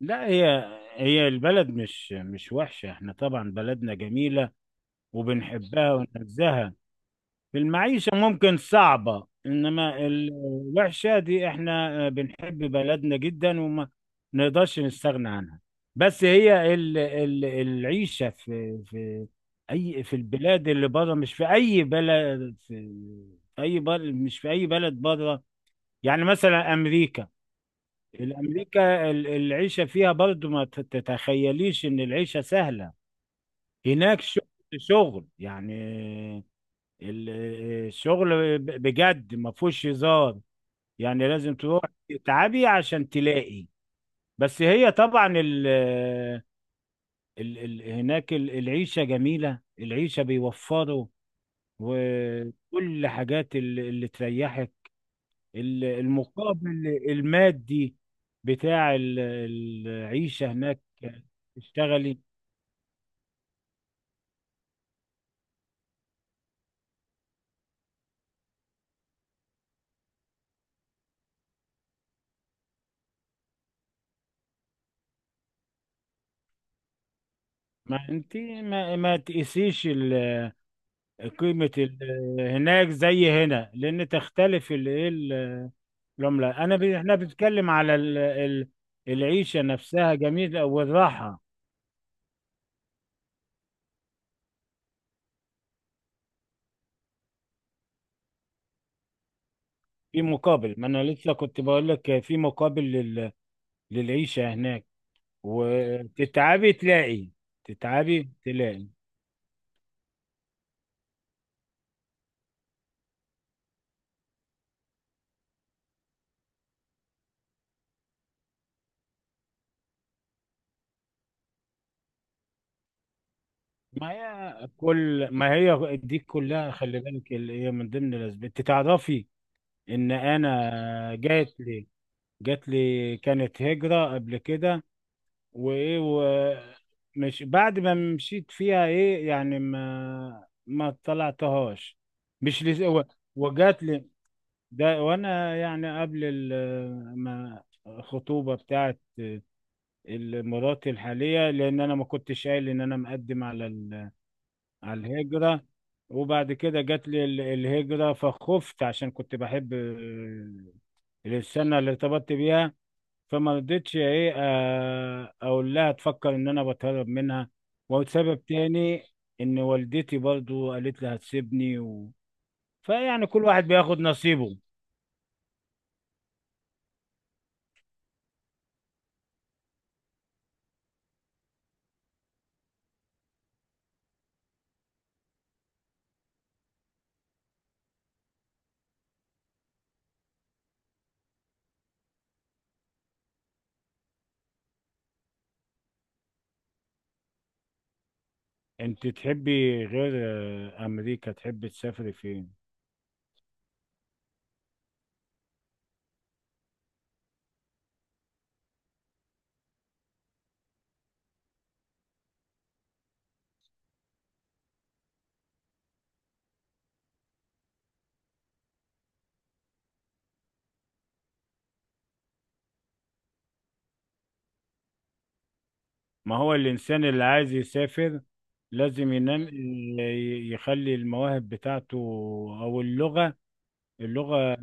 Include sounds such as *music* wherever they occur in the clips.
لا هي هي البلد مش وحشة، احنا طبعا بلدنا جميلة وبنحبها ونعزها. المعيشة ممكن صعبة، انما الوحشة دي احنا بنحب بلدنا جدا وما نقدرش نستغنى عنها. بس هي ال العيشة في اي في البلاد اللي بره، مش في اي بلد، في اي بلد، مش في اي بلد بره. يعني مثلا امريكا، الأمريكا العيشة فيها برضو ما تتخيليش إن العيشة سهلة. هناك شغل، شغل، يعني ال- الشغل بجد ما فيهوش هزار. يعني لازم تروح تتعبي عشان تلاقي. بس هي طبعا ال هناك العيشة جميلة، العيشة بيوفروا وكل حاجات اللي تريحك. المقابل المادي بتاع العيشة هناك تشتغلي. ما انت ما تقيسيش قيمة هناك زي هنا، لأن تختلف العملة. أنا احنا بنتكلم على العيشة نفسها جميلة والراحة في مقابل. ما أنا لسه كنت بقول لك في مقابل للعيشة هناك. وتتعبي تلاقي، تتعبي تلاقي. ما هي كل، ما هي دي كلها، خلي بالك اللي هي من ضمن الاسباب. انت تعرفي ان انا جات لي، جات لي كانت هجرة قبل كده. وايه ومش بعد ما مشيت فيها ايه يعني ما طلعتهاش. مش لس... و- وجات لي ده وانا يعني قبل ما الخطوبة بتاعت مراتي الحالية، لان انا ما كنتش قايل ان انا مقدم على على الهجرة. وبعد كده جات لي الهجرة فخفت، عشان كنت بحب السنة اللي ارتبطت بيها. فما رضيتش ايه اقول لها تفكر ان انا بتهرب منها. وسبب تاني ان والدتي برضو قالت لي هتسيبني و... فيعني كل واحد بياخد نصيبه. انت تحبي غير امريكا تحبي تسافري فين؟ ما هو الإنسان اللي عايز يسافر لازم ينام يخلي المواهب بتاعته أو اللغة، اللغة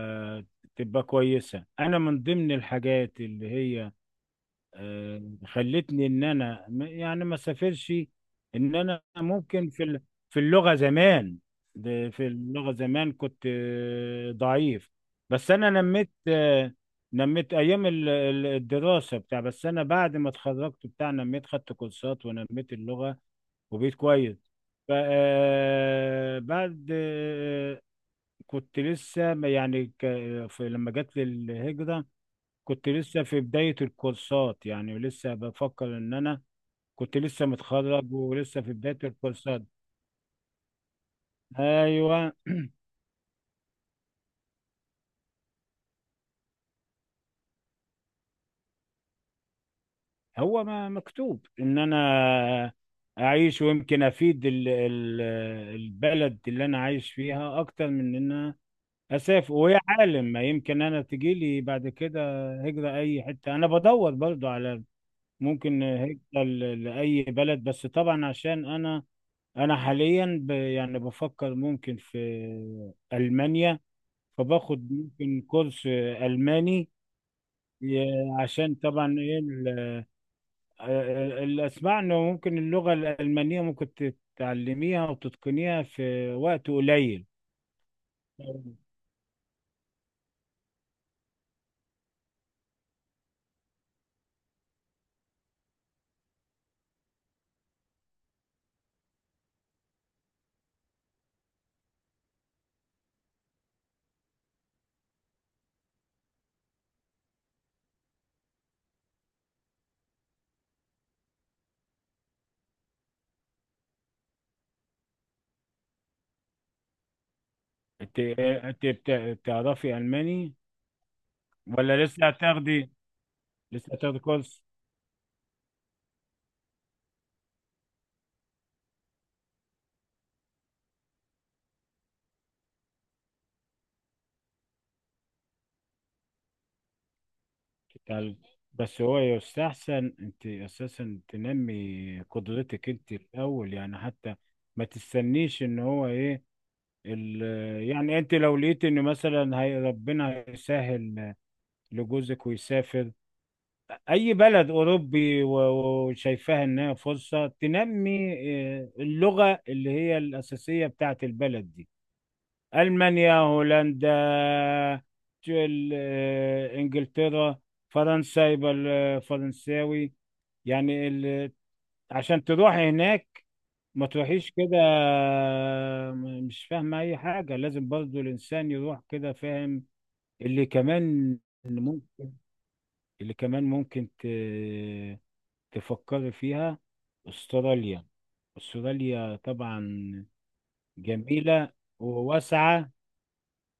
آه، تبقى كويسة. أنا من ضمن الحاجات اللي هي خلتني ان انا يعني ما سافرش، ان انا ممكن في في اللغه زمان. ده في اللغه زمان كنت ضعيف، بس انا نميت، نميت ايام الدراسه بتاع. بس انا بعد ما اتخرجت بتاع نميت، خدت كورسات ونميت اللغه وبقيت كويس. بعد كنت لسه يعني في لما جت لي الهجره كنت لسه في بداية الكورسات، يعني لسه بفكر ان انا كنت لسه متخرج ولسه في بداية الكورسات. ايوه، هو ما مكتوب ان انا اعيش ويمكن افيد البلد اللي انا عايش فيها اكتر من ان انا اسافر. ويا عالم ما يمكن انا تجيلي بعد كده هجرة اي حتة. انا بدور برضو على ممكن هجرة لأي بلد. بس طبعا عشان انا انا حاليا ب... يعني بفكر ممكن في المانيا، فباخد ممكن كورس الماني. ي- عشان طبعا ايه اللي اسمع انه ممكن اللغه الالمانيه ممكن تتعلميها وتتقنيها في وقت قليل. انت، انت بتعرفي الماني ولا لسه هتاخدي، لسه هتاخدي كورس؟ تتعالج. بس هو يستحسن انت اساسا تنمي قدرتك انت الاول، يعني حتى ما تستنيش ان هو ايه ال. يعني انت لو لقيت ان مثلا هي ربنا يسهل لجوزك ويسافر اي بلد اوروبي، وشايفاها انها فرصة، تنمي اه، اللغة اللي هي الاساسية بتاعت البلد دي. ألمانيا، هولندا، إنجلترا، فرنسا يبقى الفرنساوي. يعني ال... عشان تروح هناك ما تروحيش كده مش فاهمة أي حاجة. لازم برضو الإنسان يروح كده فاهم. اللي كمان، اللي ممكن، اللي كمان ممكن ت... تفكري فيها أستراليا. أستراليا طبعا جميلة وواسعة،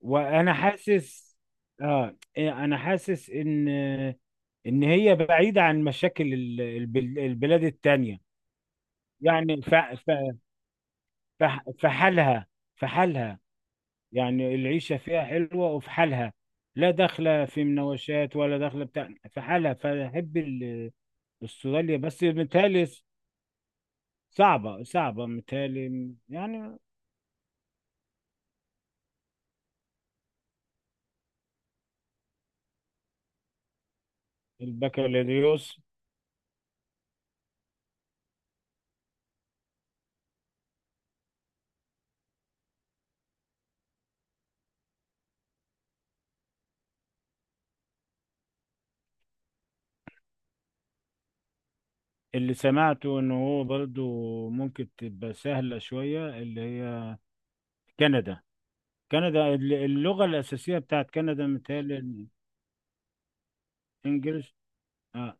وانا حاسس، اه انا حاسس ان ان هي بعيدة عن مشاكل البلاد التانية. يعني ف... في حالها، في حالها. يعني العيشة فيها حلوة وفي حالها، لا داخلة في مناوشات ولا داخلة بتاع، في حالها. فأحب استراليا، بس متهيألي صعبة، صعبة متهيألي يعني. البكالوريوس. اللي سمعته إن هو برضو ممكن تبقى سهلة شوية اللي هي كندا. كندا اللغة الأساسية بتاعت كندا متهيألي الإنجليش. آه.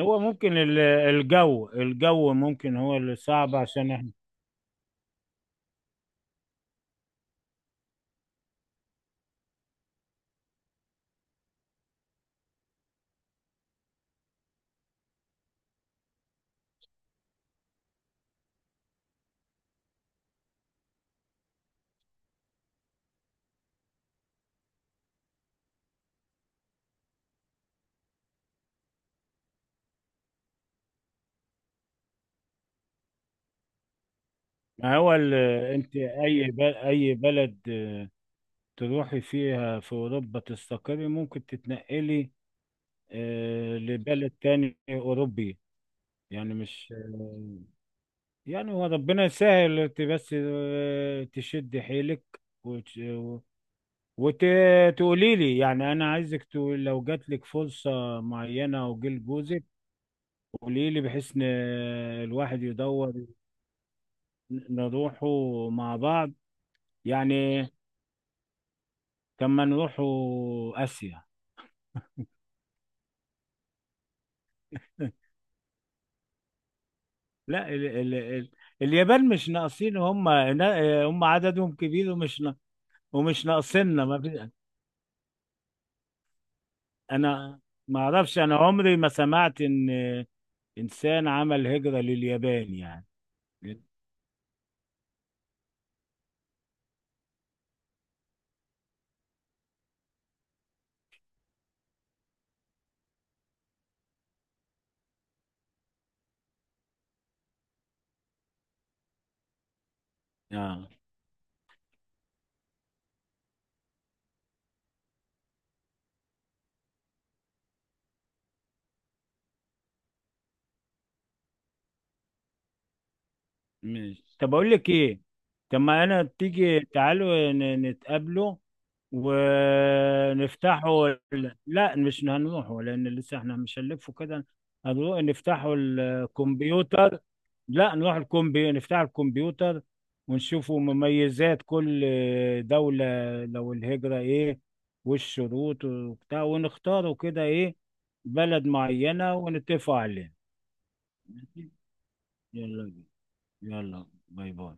هو ممكن الجو، الجو ممكن هو اللي صعب عشان احنا. ما هو انت اي اي بلد تروحي فيها في اوروبا تستقري ممكن تتنقلي لبلد تاني اوروبي. يعني مش يعني هو ربنا يسهل. انت بس تشدي حيلك وتقولي لي، يعني انا عايزك تقول لو جات لك فرصه معينه وجيل جوزك قولي لي، بحيث ان الواحد يدور نروحوا مع بعض. يعني كما نروحوا اسيا. *laughs* لا ال اليابان مش ناقصين، هم عددهم كبير ومش ناقصيننا ما في. انا ما اعرفش، انا عمري ما سمعت ان انسان عمل هجرة لليابان يعني. اه ماشي، طب اقول لك ايه، طب ما انا تيجي تعالوا نتقابلوا ونفتحوا ال-. لا مش هنروحوا، لان لسه احنا مش هنلفوا كده. هنروح نفتحوا الكمبيوتر. لا نروح الكمبي، نفتح الكمبيوتر ونشوفوا مميزات كل دولة، لو الهجرة ايه والشروط وبتاع، ونختاروا كده ايه بلد معينة ونتفق عليها. يلا بينا. يلا، باي باي.